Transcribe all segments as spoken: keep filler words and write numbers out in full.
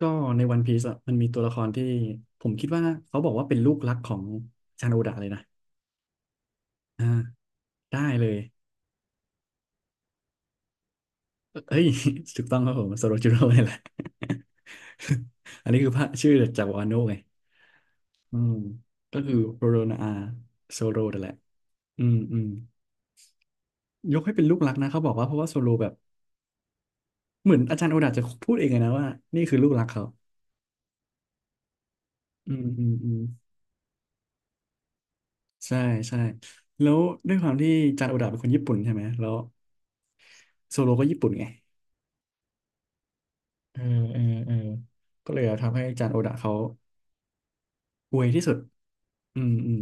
ก็ในวันพีซอะมันมีตัวละครที่ผมคิดว่าเขาบอกว่าเป็นลูกรักของชาจารย์โอดะเลยนะอ่าได้เลยเอ้ย ถูกต้องครับผมโซโรจิโร่นี่แหละ อันนี้คือพระชื่อจากวาโนะไงอืมก็คือโรโรนาอาโซโรนั่นแหละอืมอืมยกให้เป็นลูกรักนะเขาบอกว่าเพราะว่าโซโลแบบเหมือนอาจารย์โอดาจะพูดเองเลยนะว่านี่คือลูกรักเขาอืมอืมอืมใช่ใช่แล้วด้วยความที่อาจารย์โอดาเป็นคนญี่ปุ่นใช่ไหมแล้วโซโลก็ญี่ปุ่นไง อืมอืมอืมก็เลยทำให้จานโอดะเขาอวยที่สุดอืมอืม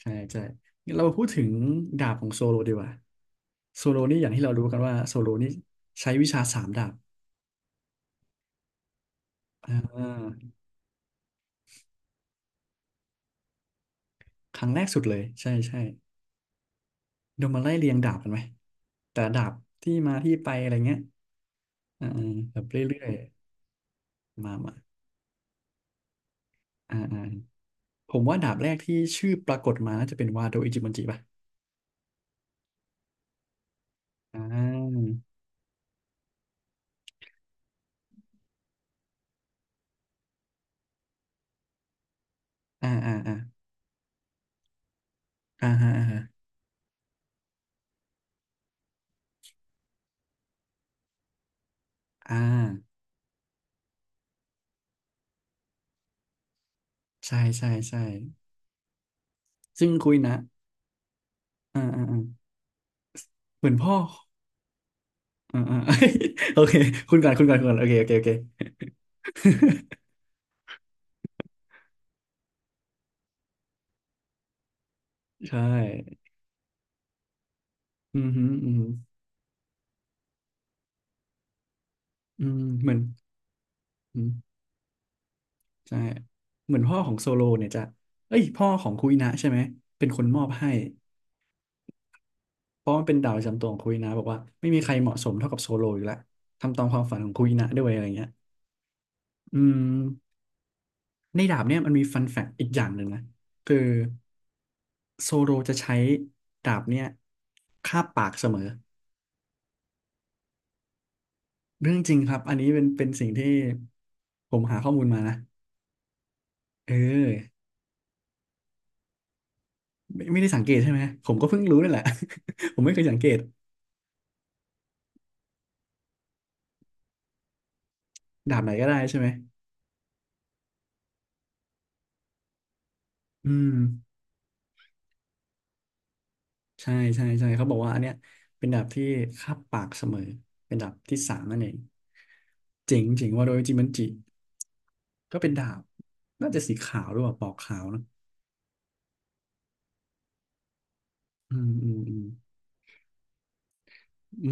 ใช่ใช่งั้นเรามาพูดถึงดาบของโซโลดีกว่าโซโลนี่อย่างที่เรารู้กันว่าโซโลนี่ใช้วิชาสามดาบอ่าครั้งแรกสุดเลยใช่ใช่เดี๋ยวมาไล่เรียงดาบกันไหมแต่ละดาบที่มาที่ไปอะไรเงี้ยอ่าอ่าแบบเรื่อยๆมามาอ่าอ่าผมว่าดาบแรกที่ชื่อปรากฏมาน่าจะเป็นวาโดอิจิบันจิป่ะอ่าอ่าอ่าอ่าอ่าอ่าอ่า ใช่ใช่ใช่ซึ่งคุยนะอ่าอ่าอ่าเหมือนพ่ออ่าอ่า โอเคคุณก่อนคุณก่อนคุณก่อนโอเคโอเคโอเค ใช่อืมฮึอืมอืมเหมือนอืมใช่เหมือนพ่อของโซโลเนี่ยจะเอ้ยพ่อของคุยนะใช่ไหมเป็นคนมอบให้เพราะมันเป็นดาวประจำตัวของคุยนะบอกว่าไม่มีใครเหมาะสมเท่ากับโซโลอยู่แล้วทำตามความฝันของคุยนะด้วยอะไรเงี้ยอืมในดาบเนี่ยมันมีฟันแฟกต์อีกอย่างหนึ่งนะคือ โซโลจะใช้ดาบเนี่ยคาบปากเสมอเรื่องจริงครับอันนี้เป็นเป็นสิ่งที่ผมหาข้อมูลมานะเออไม่ไม่ได้สังเกตใช่ไหมผมก็เพิ่งรู้นี่แหละ ผมไม่เคยสังเกตดาบไหนก็ได้ใช่ไหมอืมใช่ใช่ใช่เขาบอกว่าอันเนี้ยเป็นดาบที่คาบปากเสมอเป็นดาบที่สามนั่นเองเจ๋งเจ๋งว่าโดยจิมันจิก็เป็นดาบน่าจะสีขาวหรือเปล่าปอกขาวนะอืมอืมอืม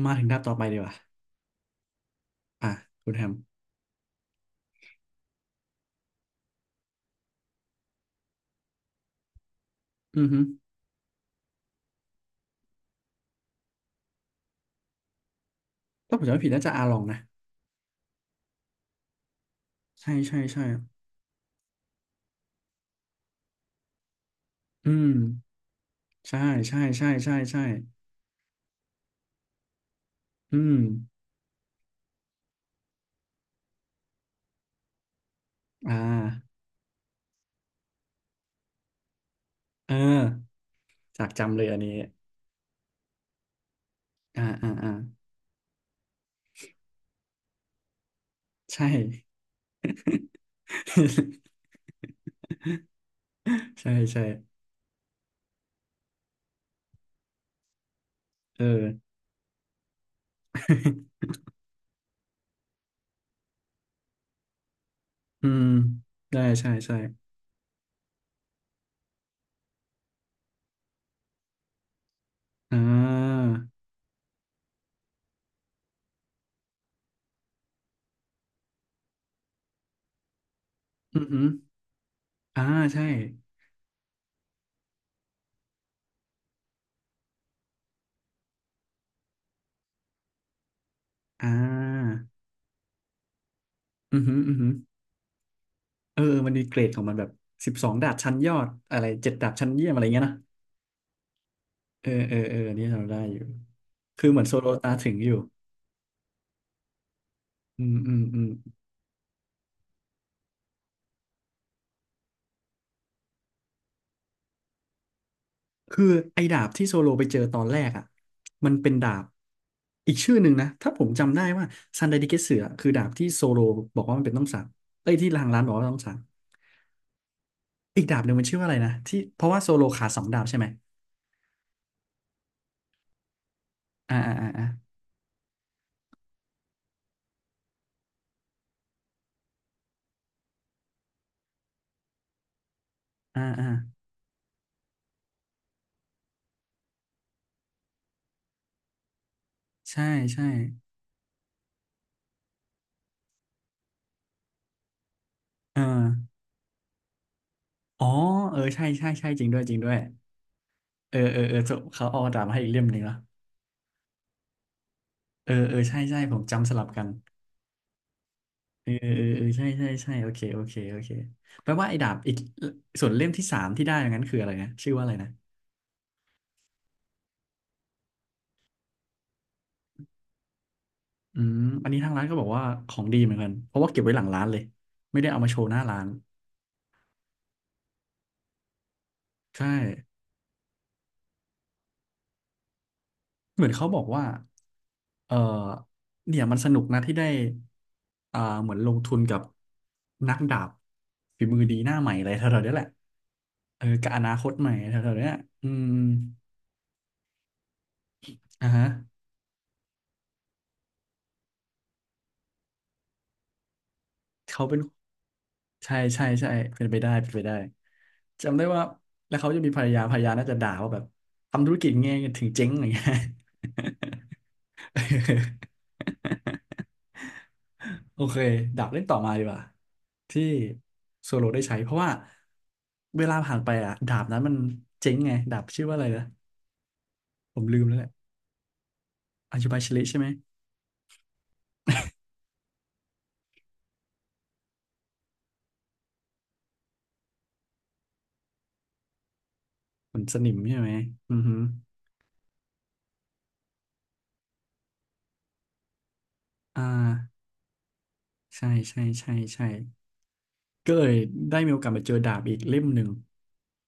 มาถึงดาบต่อไปดีกว่าอ่ะคุณแฮมอือฮึ ถ้าผมจำไม่ผิดน่าจะอาลองนะใช่ใช่ใช่อืมใช่ใช่ใช่ใช่ใช่อืมอ่าเออจากจำเลยอันนี้อ่าอ่าอ่าใช่ ใช่ใช่เออ อืมได้ใช่ใช่อ่าอือหืออ่าใช่อ่าอือหืออือหือเออมันมีเกรดของมันแบบสิบสองดาบชั้นยอดอะไรเจ็ดดาบชั้นเยี่ยมอะไรเงี้ยนะเออเออเอออันนี่เราได้อยู่คือเหมือนโซโลตาถึงอยู่อืมอืมอืม คือไอ้ดาบที่โซโลไปเจอตอนแรกอ่ะมันเป็นดาบอีกชื่อหนึ่งนะถ้าผมจำได้ว่าซันไดดิเกเสือคือดาบที่โซโลบอกว่ามันเป็นต้องสั่งเอ้ยที่ทางร้านบอกว่าต้องสั่งอีกดาบหนึ่งมันชื่อว่าอะไรนะที่เพราะว่าโซโลขาดสองดาบใช่ไหมอ่าอ่าอ่าอ่าอ่าอ่าใช่ใช่เอออ๋อเออใช่ใช่ใช่จริงด้วยจริงด้วยเออเออเออเขาเอาดาบมาให้อีกเล่มหนึ่งเนอะเออเออใช่ใช่ผมจำสลับกัน เออเออเออเออใช่ใช่ใช่โอเคโอเคโอเคแปลว่าไอ้ดาบอีกส่วนเล่มที่สามที่ได้อย่างนั้นคืออะไรนะชื่อว่าอะไรนะอืมอันนี้ทางร้านก็บอกว่าของดีเหมือนกันเพราะว่าเก็บไว้หลังร้านเลยไม่ได้เอามาโชว์หน้าร้านใช่เหมือนเขาบอกว่าเออเนี่ยมันสนุกนะที่ได้อ่าเหมือนลงทุนกับนักดาบฝีมือดีหน้าใหม่อะไรแถวๆเนี้ยแหละเออกับอนาคตใหม่แถวๆเนี้ยอืมอ่าฮะเขาเป็น ใช่ใช่ใช่เป็นไปได้เป็นไปได้จำได้ว่าแล้วเขาจะมีภรรยาภรรยาน่าจะด่าว่าแบบทำธุรกิจไงถึงเจ๊งอะไรเงี้ย โอเคดับเล่นต่อมาดีกว่าที่โซโลได้ใช้เพราะว่าเวลาผ่านไปอ่ะดาบนั้นมันเจ๊งไงดาบชื่อว่าอะไรนะผมลืมแล้วแหละอายุบายชลิใช่ไหมเหมือนสนิมใช่ไหมอือฮึอ่าใช่ใช่ใช่ใช่ ก็เลยได้มีโอกาสไปเจอดาบอีกเล่มหนึ่ง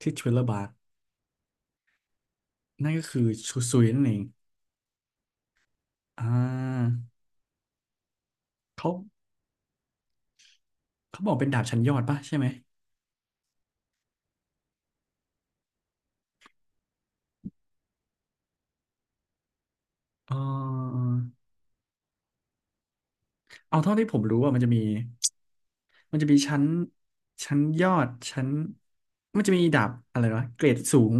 ที่ทริลเลอร์บาร์นั่นก็คือชูซุยนั่นเองอ่าเขาเขาบอกเป็นดาบชั้นยอดป่ะใช่ไหมเออเอาเท่าที่ผมรู้ว่ามันจะมีมันจะมีชั้นชั้นยอดชั้นมันจะมีดาบอะไรวะเกรดสูง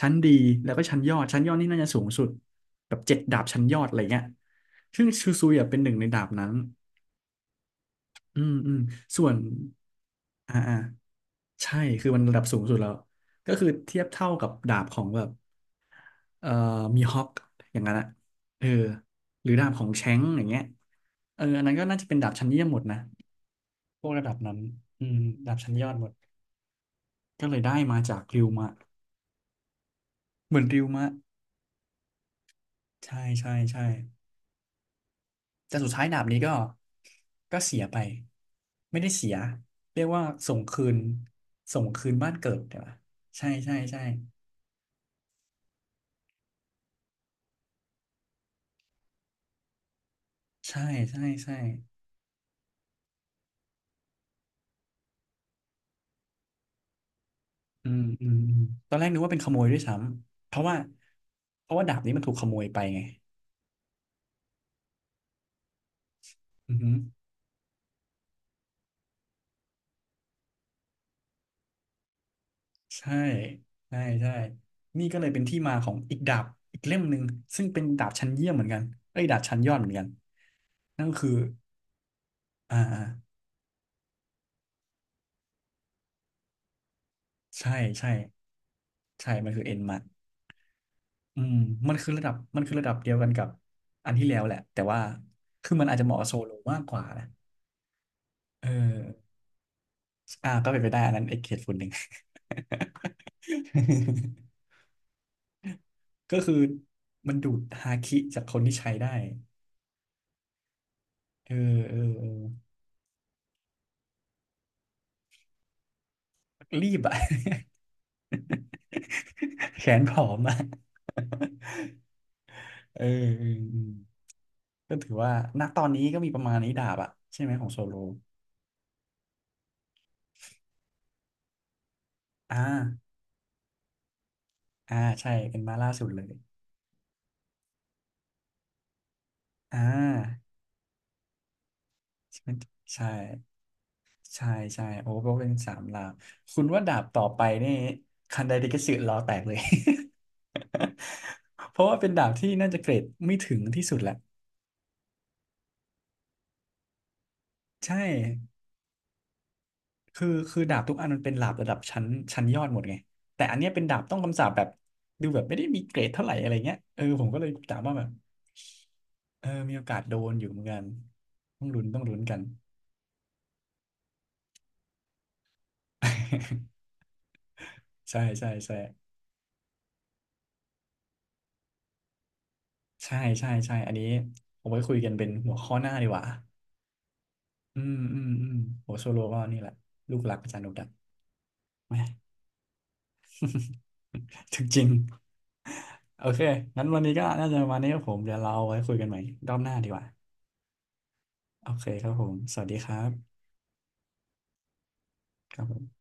ชั้นดีแล้วก็ชั้นยอดชั้นยอดนี่น่าจะสูงสุดแบบเจ็ดดาบชั้นยอดอะไรเงี้ยซึ่งชูซุยอะเป็นหนึ่งในดาบนั้นอืมอืมส่วนอ่าอ่า ใช่คือมันระดับสูงสุดแล้วก็คือเทียบเท่ากับดาบของแบบเอ่อมีฮอกอย่างนั้นอะเออหรือดาบของแชงก์อย่างเงี้ยเอออันนั้นก็น่าจะเป็นดาบชั้นเยี่ยมหมดนะพวกระดับนั้น อืมดาบชั้นยอดหมดก็เลยได้มาจากริวมะเหมือนริวมะใช่ใช่ใช่แต่สุดท้ายดาบนี้ก็ ก็เสียไป ไม่ได้เสีย เรียกว่าส่งคืนส่งคืนบ้านเกิดเดี๋ยวนะใช่ ใช่ใช่ใช่ใช่ใช่ อืมอืมอืมตอนแรกนึกว่าเป็นขโมยด้วยซ้ำเพราะว่าเพราะว่าดาบนี้มันถูกขโมยไปไงอือฮึใช่ใช่ใช่นี่ก็เลยเป็นที่มาของอีกดาบอีกเล่มหนึ่งซึ่งเป็นดาบชั้นเยี่ยมเหมือนกันเอ้ยดาบชั้นยอดเหมือนกันนั่นก็คืออ่าอ่าใช่ใช่ใช่มันคือเอ็นมัดอืมมันคือระดับมันคือระดับเดียวกันกับอันที่แล้วแหละแต่ว่าคือมันอาจจะเหมาะกับโซโลมากกว่านะเอออ่าก็เป็นไปได้อันนั้นไอ้เคสฝุ่นหนึ่ง ก็คือมันดูดฮาคิจากคนที่ใช้ได้เออเออเออรีบอะ แขนผอมอะ เออเออเออก็ถือว่าณตอนนี้ก็มีประมาณนี้ดาบอะใช่ไหมของโซโลอ่าอ่าใช่เป็นมาล่าสุดเลยอ่าใช่ใช่ใช่โอ้ก็เป็นสามลาวคุณว่าดาบต่อไปนี่คันไดเดกิสึล้อแตกเลย เพราะว่าเป็นดาบที่น่าจะเกรดไม่ถึงที่สุดแหละใช่ คือคือดาบทุกอันมันเป็นดาบระดับชั้นชั้นยอดหมดไงแต่อันเนี้ยเป็นดาบต้องคำสาปแบบดูแบบไม่ได้มีเกรดเท่าไหร่อะไรเงี้ยเออผมก็เลยถามว่าแบบเออมีโอกาสโดนอยู่เหมือนกันต้องลุ้นต้องลุ้นกัน ใช่ใช่ใช่ใช่ใช่ใช่อันนี้ผมไว้คุยกันเป็นหัวข้อหน้าดีกว่าอืมอืมอืมโหโซโลก็นี่แหละลูกหลักอาจารย์โนดักแหมถึงจริงโอเคงั้นวันนี้ก็น่าจะประมาณนี้ครับผมเดี๋ยวเราไว้คุยกันใหม่รอบหน้าดีกว่าโอเคครับผมสวัสดีครับครับผม